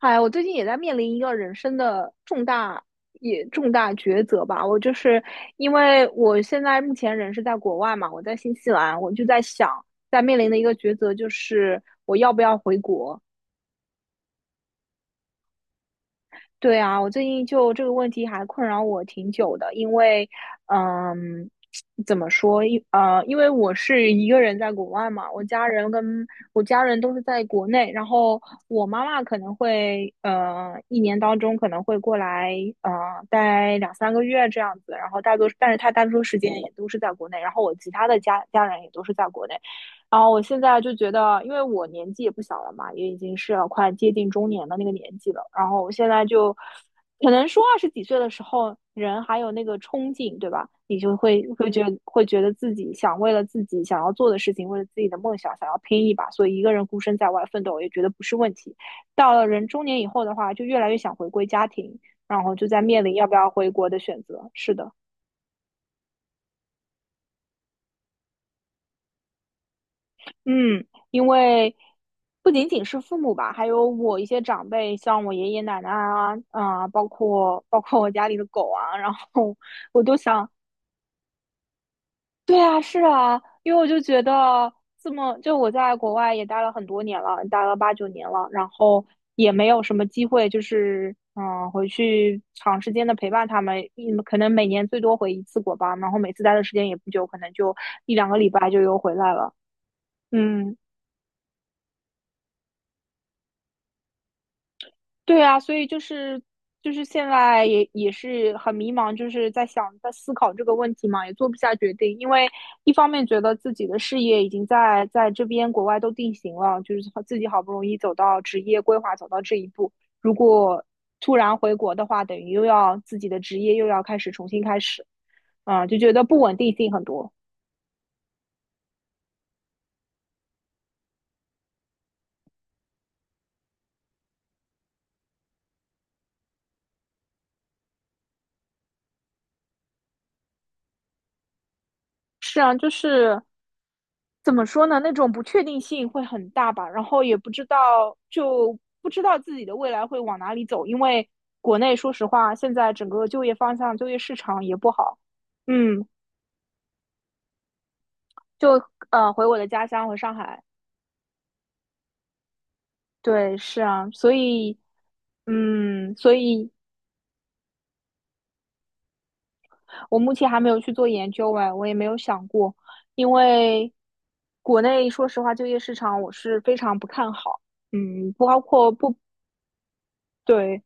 哎呀我最近也在面临一个人生的重大抉择吧。我就是因为我现在目前人是在国外嘛，我在新西兰，我就在想，在面临的一个抉择就是我要不要回国。对啊，我最近就这个问题还困扰我挺久的，因为，嗯，怎么说？因为我是一个人在国外嘛，我家人都是在国内，然后我妈妈可能会，一年当中可能会过来，呃，待两三个月这样子，然后但是她大多数时间也都是在国内，然后我其他的家人也都是在国内，然后我现在就觉得，因为我年纪也不小了嘛，也已经是要快接近中年的那个年纪了。然后我现在就，可能说二十几岁的时候，人还有那个冲劲，对吧？你就会觉得自己想为了自己想要做的事情，为了自己的梦想，想要拼一把。所以一个人孤身在外奋斗，也觉得不是问题。到了人中年以后的话，就越来越想回归家庭，然后就在面临要不要回国的选择。是的。嗯，因为不仅仅是父母吧，还有我一些长辈，像我爷爷奶奶啊，包括我家里的狗啊，然后我都想，对啊，是啊，因为我就觉得这么，就我在国外也待了很多年了，待了八九年了，然后也没有什么机会，就是回去长时间的陪伴他们，可能每年最多回一次国吧，然后每次待的时间也不久，可能就一两个礼拜就又回来了，嗯。对啊，所以就是现在也是很迷茫，就是在想在思考这个问题嘛，也做不下决定，因为一方面觉得自己的事业已经在这边国外都定型了，就是自己好不容易走到职业规划走到这一步，如果突然回国的话，等于又要自己的职业又要开始重新开始，就觉得不稳定性很多。是啊，就是。怎么说呢？那种不确定性会很大吧，然后也不知道，就不知道自己的未来会往哪里走，因为国内说实话，现在整个就业方向、就业市场也不好。嗯，就回我的家乡，回上海。对，是啊，所以，所以我目前还没有去做研究哎，我也没有想过，因为国内说实话，就业市场我是非常不看好。包括不对，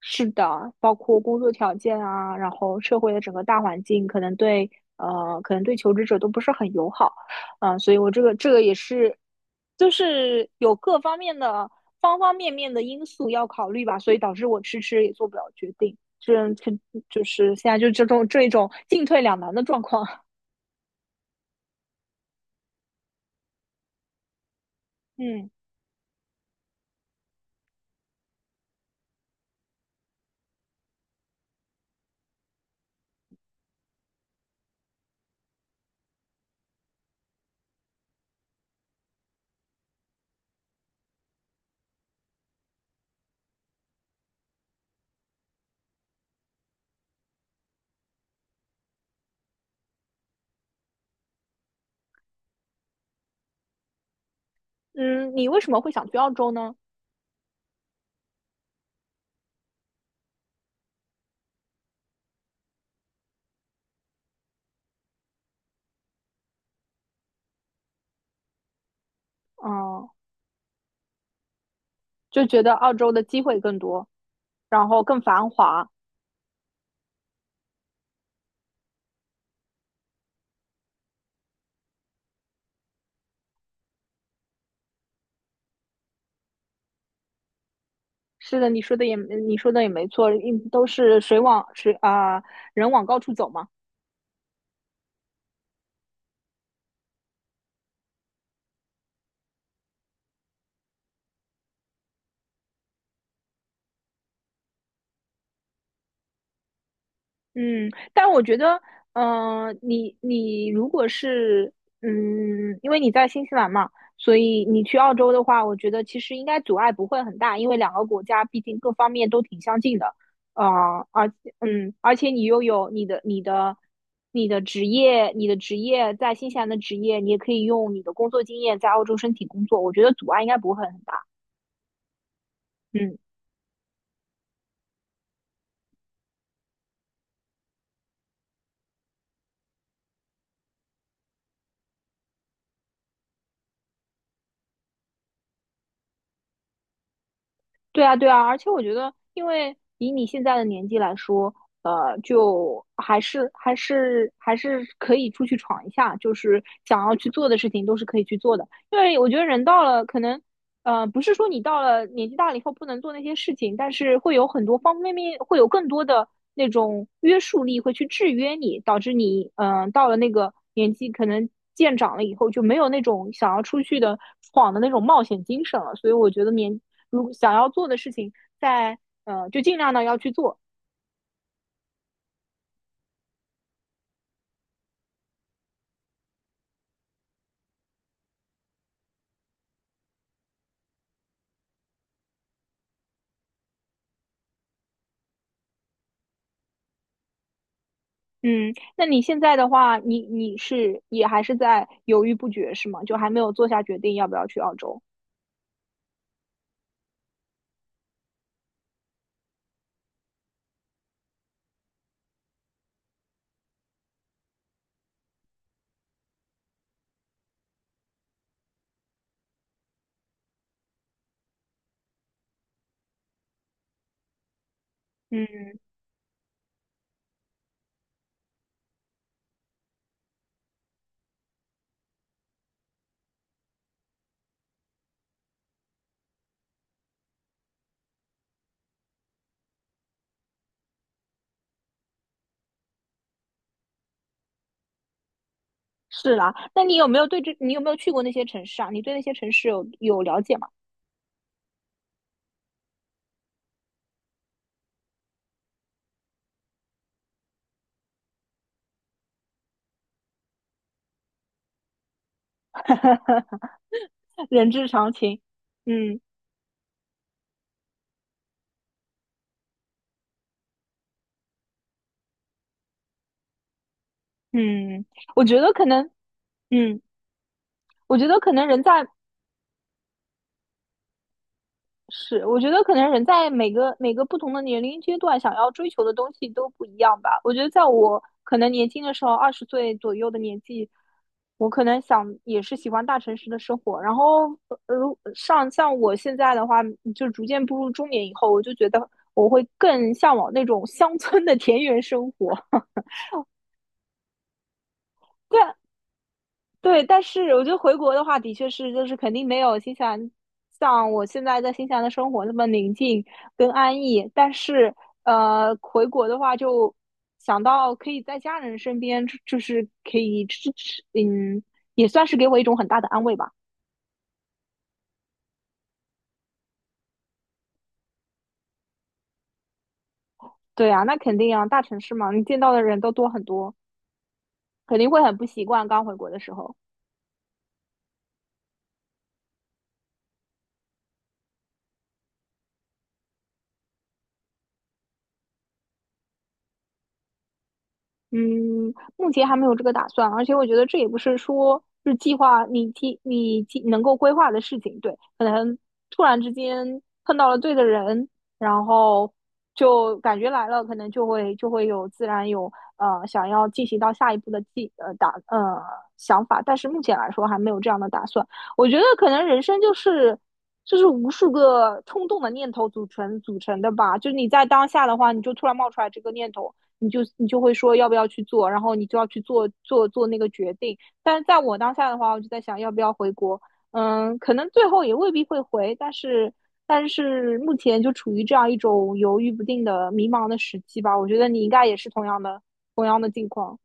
是的，包括工作条件啊，然后社会的整个大环境，可能对可能对求职者都不是很友好，所以我这个也是，就是有各方面的方方面面的因素要考虑吧，所以导致我迟迟也做不了决定，就是现在就这种进退两难的状况。嗯嗯，你为什么会想去澳洲呢？嗯，就觉得澳洲的机会更多，然后更繁华，是的，你说的也没错，都是水往水啊、人往高处走嘛。嗯，但我觉得，你如果是因为你在新西兰嘛，所以你去澳洲的话，我觉得其实应该阻碍不会很大，因为两个国家毕竟各方面都挺相近的。啊、而而且你又有你的职业，你的职业在新西兰的职业，你也可以用你的工作经验在澳洲申请工作，我觉得阻碍应该不会很大。嗯。对啊，对啊，而且我觉得，因为以你现在的年纪来说，就还是可以出去闯一下，就是想要去做的事情都是可以去做的。因为我觉得人到了可能不是说你到了年纪大了以后不能做那些事情，但是会有很多方方面面，会有更多的那种约束力会去制约你，导致你，到了那个年纪，可能渐长了以后就没有那种想要出去的闯的那种冒险精神了。所以我觉得如想要做的事情在，就尽量的要去做。嗯，那你现在的话，你是也还是在犹豫不决是吗？就还没有做下决定要不要去澳洲？嗯。是啦，那你有没有你有没有去过那些城市啊？你对那些城市有了解吗？人之常情。嗯嗯，我觉得可能，嗯，我觉得可能人在是，我觉得可能人在每个不同的年龄阶段，想要追求的东西都不一样吧。我觉得在我可能年轻的时候，20岁左右的年纪，我可能想也是喜欢大城市的生活。然后，像我现在的话，就逐渐步入中年以后，我就觉得我会更向往那种乡村的田园生活。对，对，但是我觉得回国的话，的确是就是肯定没有新西兰像我现在在新西兰的生活那么宁静跟安逸。但是回国的话，就想到可以在家人身边，就是可以支持，也算是给我一种很大的安慰吧。对啊，那肯定啊，大城市嘛，你见到的人都多很多，肯定会很不习惯刚回国的时候。嗯，目前还没有这个打算，而且我觉得这也不是说是计划你计你计能够规划的事情，对，可能突然之间碰到了对的人，然后就感觉来了，可能就会自然有想要进行到下一步的想法，但是目前来说还没有这样的打算。我觉得可能人生就是无数个冲动的念头组成的吧，就是你在当下的话，你就突然冒出来这个念头。你就会说要不要去做，然后你就要去做那个决定。但是在我当下的话，我就在想要不要回国，可能最后也未必会回，但是目前就处于这样一种犹豫不定的迷茫的时期吧。我觉得你应该也是同样的境况，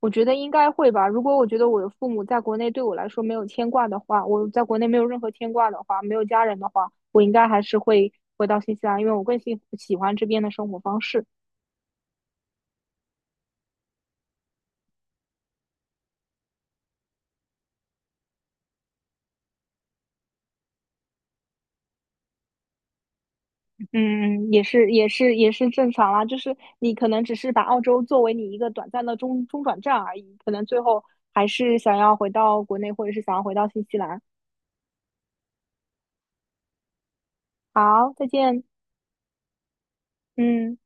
我觉得应该会吧。如果我觉得我的父母在国内对我来说没有牵挂的话，我在国内没有任何牵挂的话，没有家人的话，我应该还是会回到新西兰，因为我更喜欢这边的生活方式。嗯，嗯也是，也是，也是正常啦。就是你可能只是把澳洲作为你一个短暂的中转站而已，可能最后还是想要回到国内，或者是想要回到新西兰。好，再见。嗯。